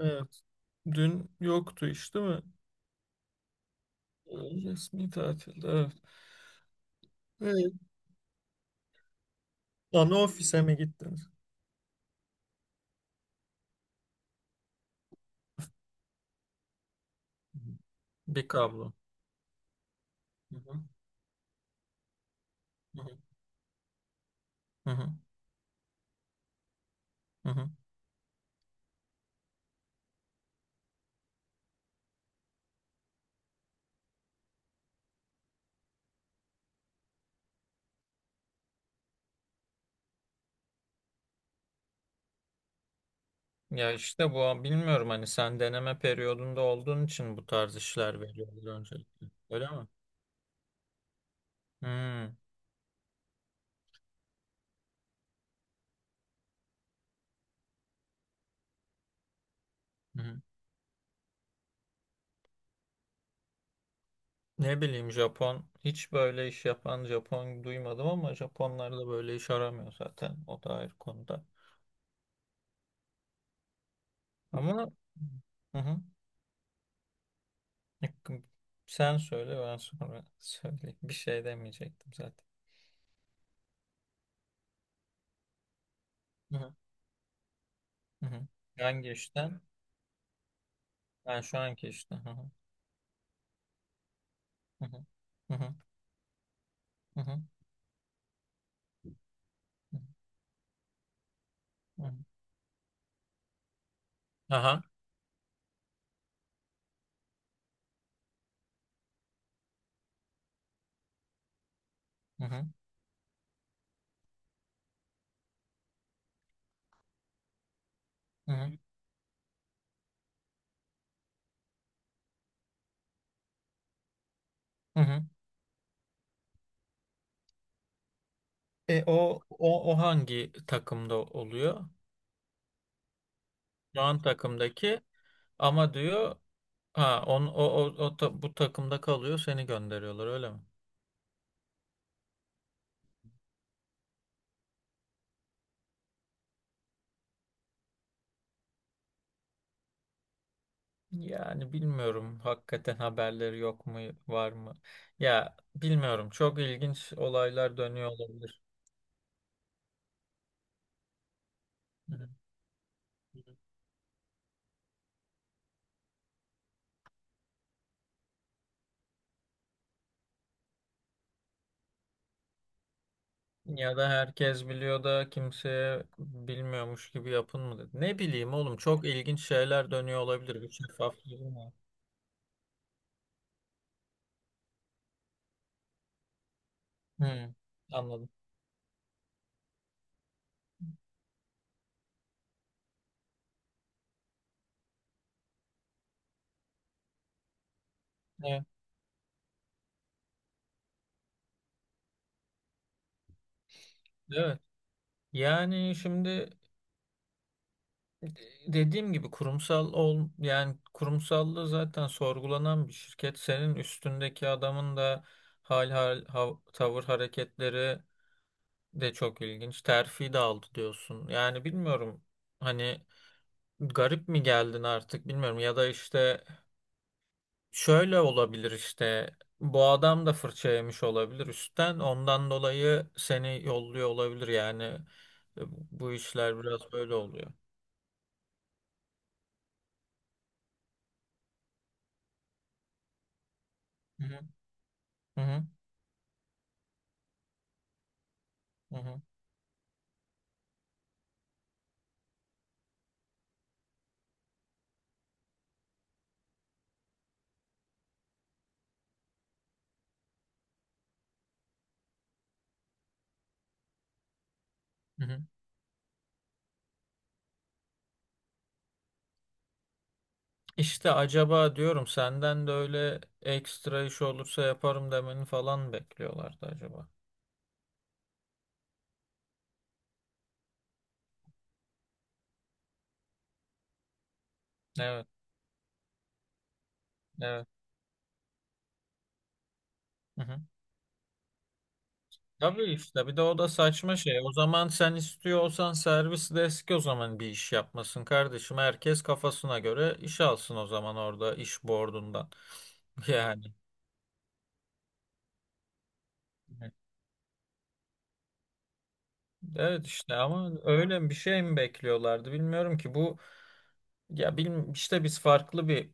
Evet. Dün yoktu iş, değil mi? Resmi tatilde. Evet. Evet. Ana ofise mi gittiniz? Bir kablo. Hı hı. Hı hı. Hı hı. Hı hı. Ya işte bu bilmiyorum, hani sen deneme periyodunda olduğun için bu tarz işler veriyorlar öncelikle. Öyle mi? Hmm. Hı hı. Ne bileyim, Japon hiç böyle iş yapan Japon duymadım ama Japonlar da böyle iş aramıyor zaten, o da ayrı konuda. Ama. Hı hı. Hakkım, Sen söyle, ben sonra söyleyeyim. Bir şey demeyecektim zaten. Hı hı. Hı hı. Hangi işten? Ben şu anki işte. Hı hı. Hı hı. Hı hı. Hı hı. Hı hı. Aha. Hı hı. Hı hı. Hı hı. O hangi takımda oluyor? Şu an takımdaki, ama diyor ha on o o, o ta- bu takımda kalıyor, seni gönderiyorlar öyle mi? Yani bilmiyorum, hakikaten haberleri yok mu, var mı? Ya bilmiyorum, çok ilginç olaylar dönüyor olabilir. Hı hı. Ya da herkes biliyor da kimseye bilmiyormuş gibi yapın mı dedi. Ne bileyim oğlum, çok ilginç şeyler dönüyor olabilir. Bir şeffaflığım var. Hı, anladım. Evet. Evet. Yani şimdi, E, dediğim gibi kurumsal ol, yani kurumsallığı zaten sorgulanan bir şirket. Senin üstündeki adamın da tavır hareketleri de çok ilginç. Terfi de aldı diyorsun. Yani bilmiyorum, hani garip mi geldin artık bilmiyorum, ya da işte şöyle olabilir, işte bu adam da fırça yemiş olabilir üstten, ondan dolayı seni yolluyor olabilir yani, e, bu işler biraz böyle oluyor. Hı hı. Hı hı. Hı hı. Hı hı. İşte acaba diyorum, senden de öyle ekstra iş olursa yaparım demeni falan bekliyorlardı acaba. Evet, evet. Hı hı. Tabii işte, bir de o da saçma şey. O zaman sen istiyor olsan, servis deski o zaman bir iş yapmasın kardeşim. Herkes kafasına göre iş alsın o zaman, orada iş boardundan. Yani. Evet, evet, işte ama öyle bir şey mi bekliyorlardı bilmiyorum ki bu. Ya bilmiyorum, işte biz farklı bir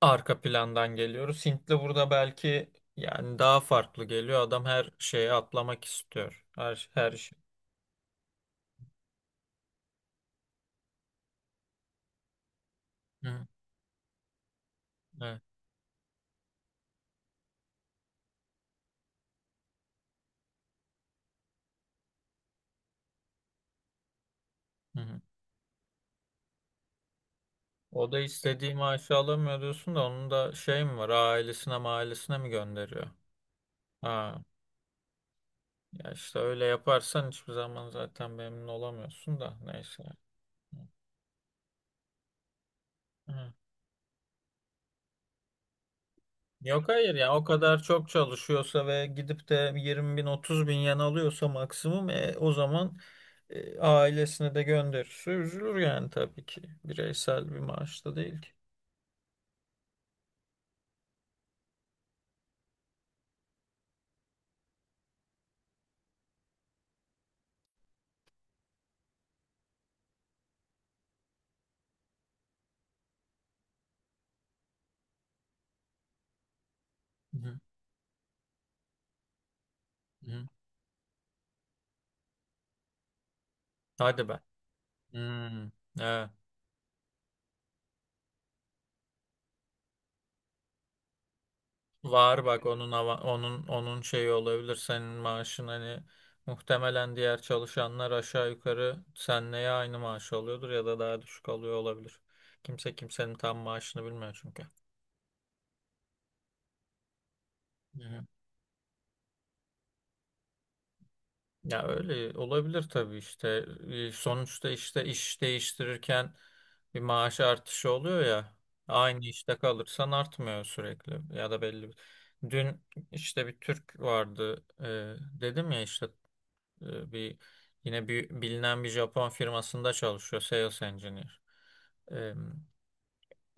arka plandan geliyoruz. Hintli burada belki yani daha farklı geliyor. Adam her şeye atlamak istiyor. Her şey. Hı, evet. Hı hı. O da istediği maaşı alamıyor diyorsun da onun da şey mi var? Ailesine mi gönderiyor? Ha, ya işte öyle yaparsan hiçbir zaman zaten memnun olamıyorsun da neyse. Hı. Yok, hayır ya, o kadar çok çalışıyorsa ve gidip de 20 bin 30 bin yen alıyorsa maksimum, o zaman, ailesine de gönderirse üzülür yani, tabii ki. Bireysel bir maaş da değil ki. Hı hı. Hadi be. Hmm, evet. Var bak, onun şeyi olabilir senin maaşın, hani muhtemelen diğer çalışanlar aşağı yukarı senle ya aynı maaş alıyordur ya da daha düşük alıyor olabilir. Kimse kimsenin tam maaşını bilmiyor çünkü. Ya öyle olabilir tabii işte. Sonuçta işte iş değiştirirken bir maaş artışı oluyor ya. Aynı işte kalırsan artmıyor sürekli ya da belli. Dün işte bir Türk vardı, dedim ya işte, e, bir yine bir bilinen bir Japon firmasında çalışıyor sales engineer.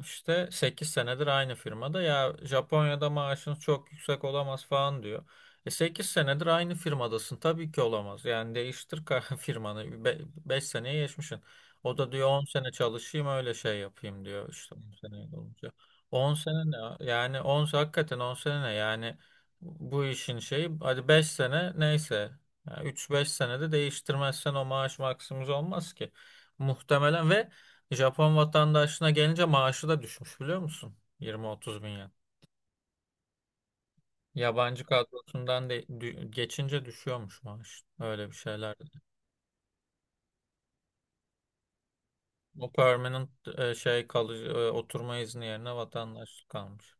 İşte 8 senedir aynı firmada, ya Japonya'da maaşınız çok yüksek olamaz falan diyor. 8 senedir aynı firmadasın tabii ki olamaz. Yani değiştir firmanı. 5 seneye geçmişsin. O da diyor 10 sene çalışayım, öyle şey yapayım diyor işte 10 sene olunca. 10 sene ne? Yani hakikaten 10 sene ne? Yani bu işin şeyi, hadi 5 sene neyse. Yani 3-5 senede değiştirmezsen o maaş maksimum olmaz ki. Muhtemelen. Ve Japon vatandaşına gelince maaşı da düşmüş biliyor musun? 20-30 bin yen. Yabancı kadrosundan de geçince düşüyormuş maaş. Öyle bir şeyler. O permanent, şey, kalıcı, oturma izni yerine vatandaşlık kalmış.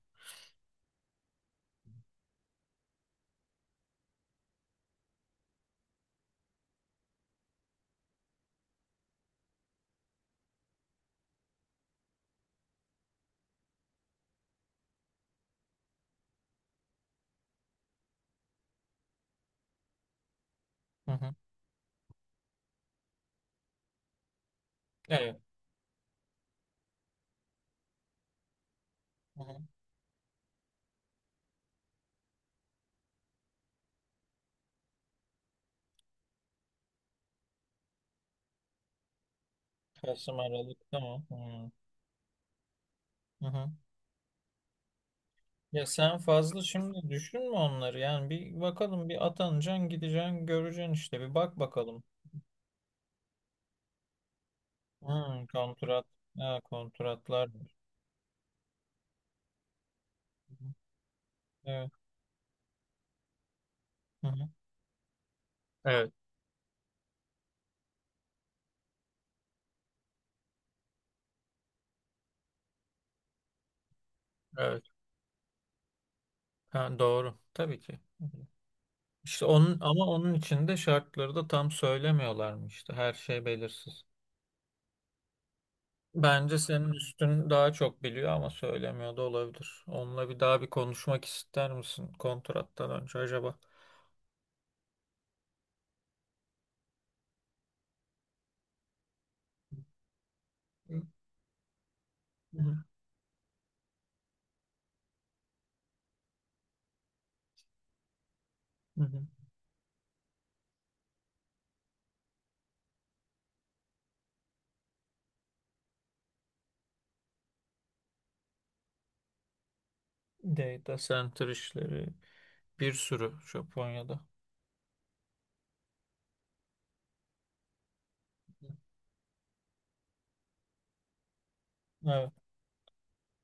Hı hı. Evet. Hı hı. Kasım Aralık tamam. Hı. Hı hı. Ya sen fazla şimdi düşünme onları. Yani bir bakalım, bir atanacaksın, gideceksin, göreceksin işte. Bir bak bakalım. Hı, kontrat. Ha, kontratlar. Hı hı. Evet. Hı hı. Evet. Evet. Ha, doğru. Tabii ki. İşte onun, ama onun için de şartları da tam söylemiyorlar mı? Söylemiyorlarmıştı. Her şey belirsiz. Bence senin üstün daha çok biliyor ama söylemiyor da olabilir. Onunla bir daha bir konuşmak ister misin kontrattan önce acaba? Hı hı, hı hı. Data center işleri bir sürü Japonya'da. Evet.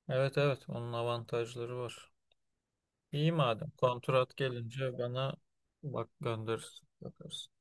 Evet, evet, onun avantajları var. İyi madem, kontrat gelince bana bak, gönderirsin, bakarsın.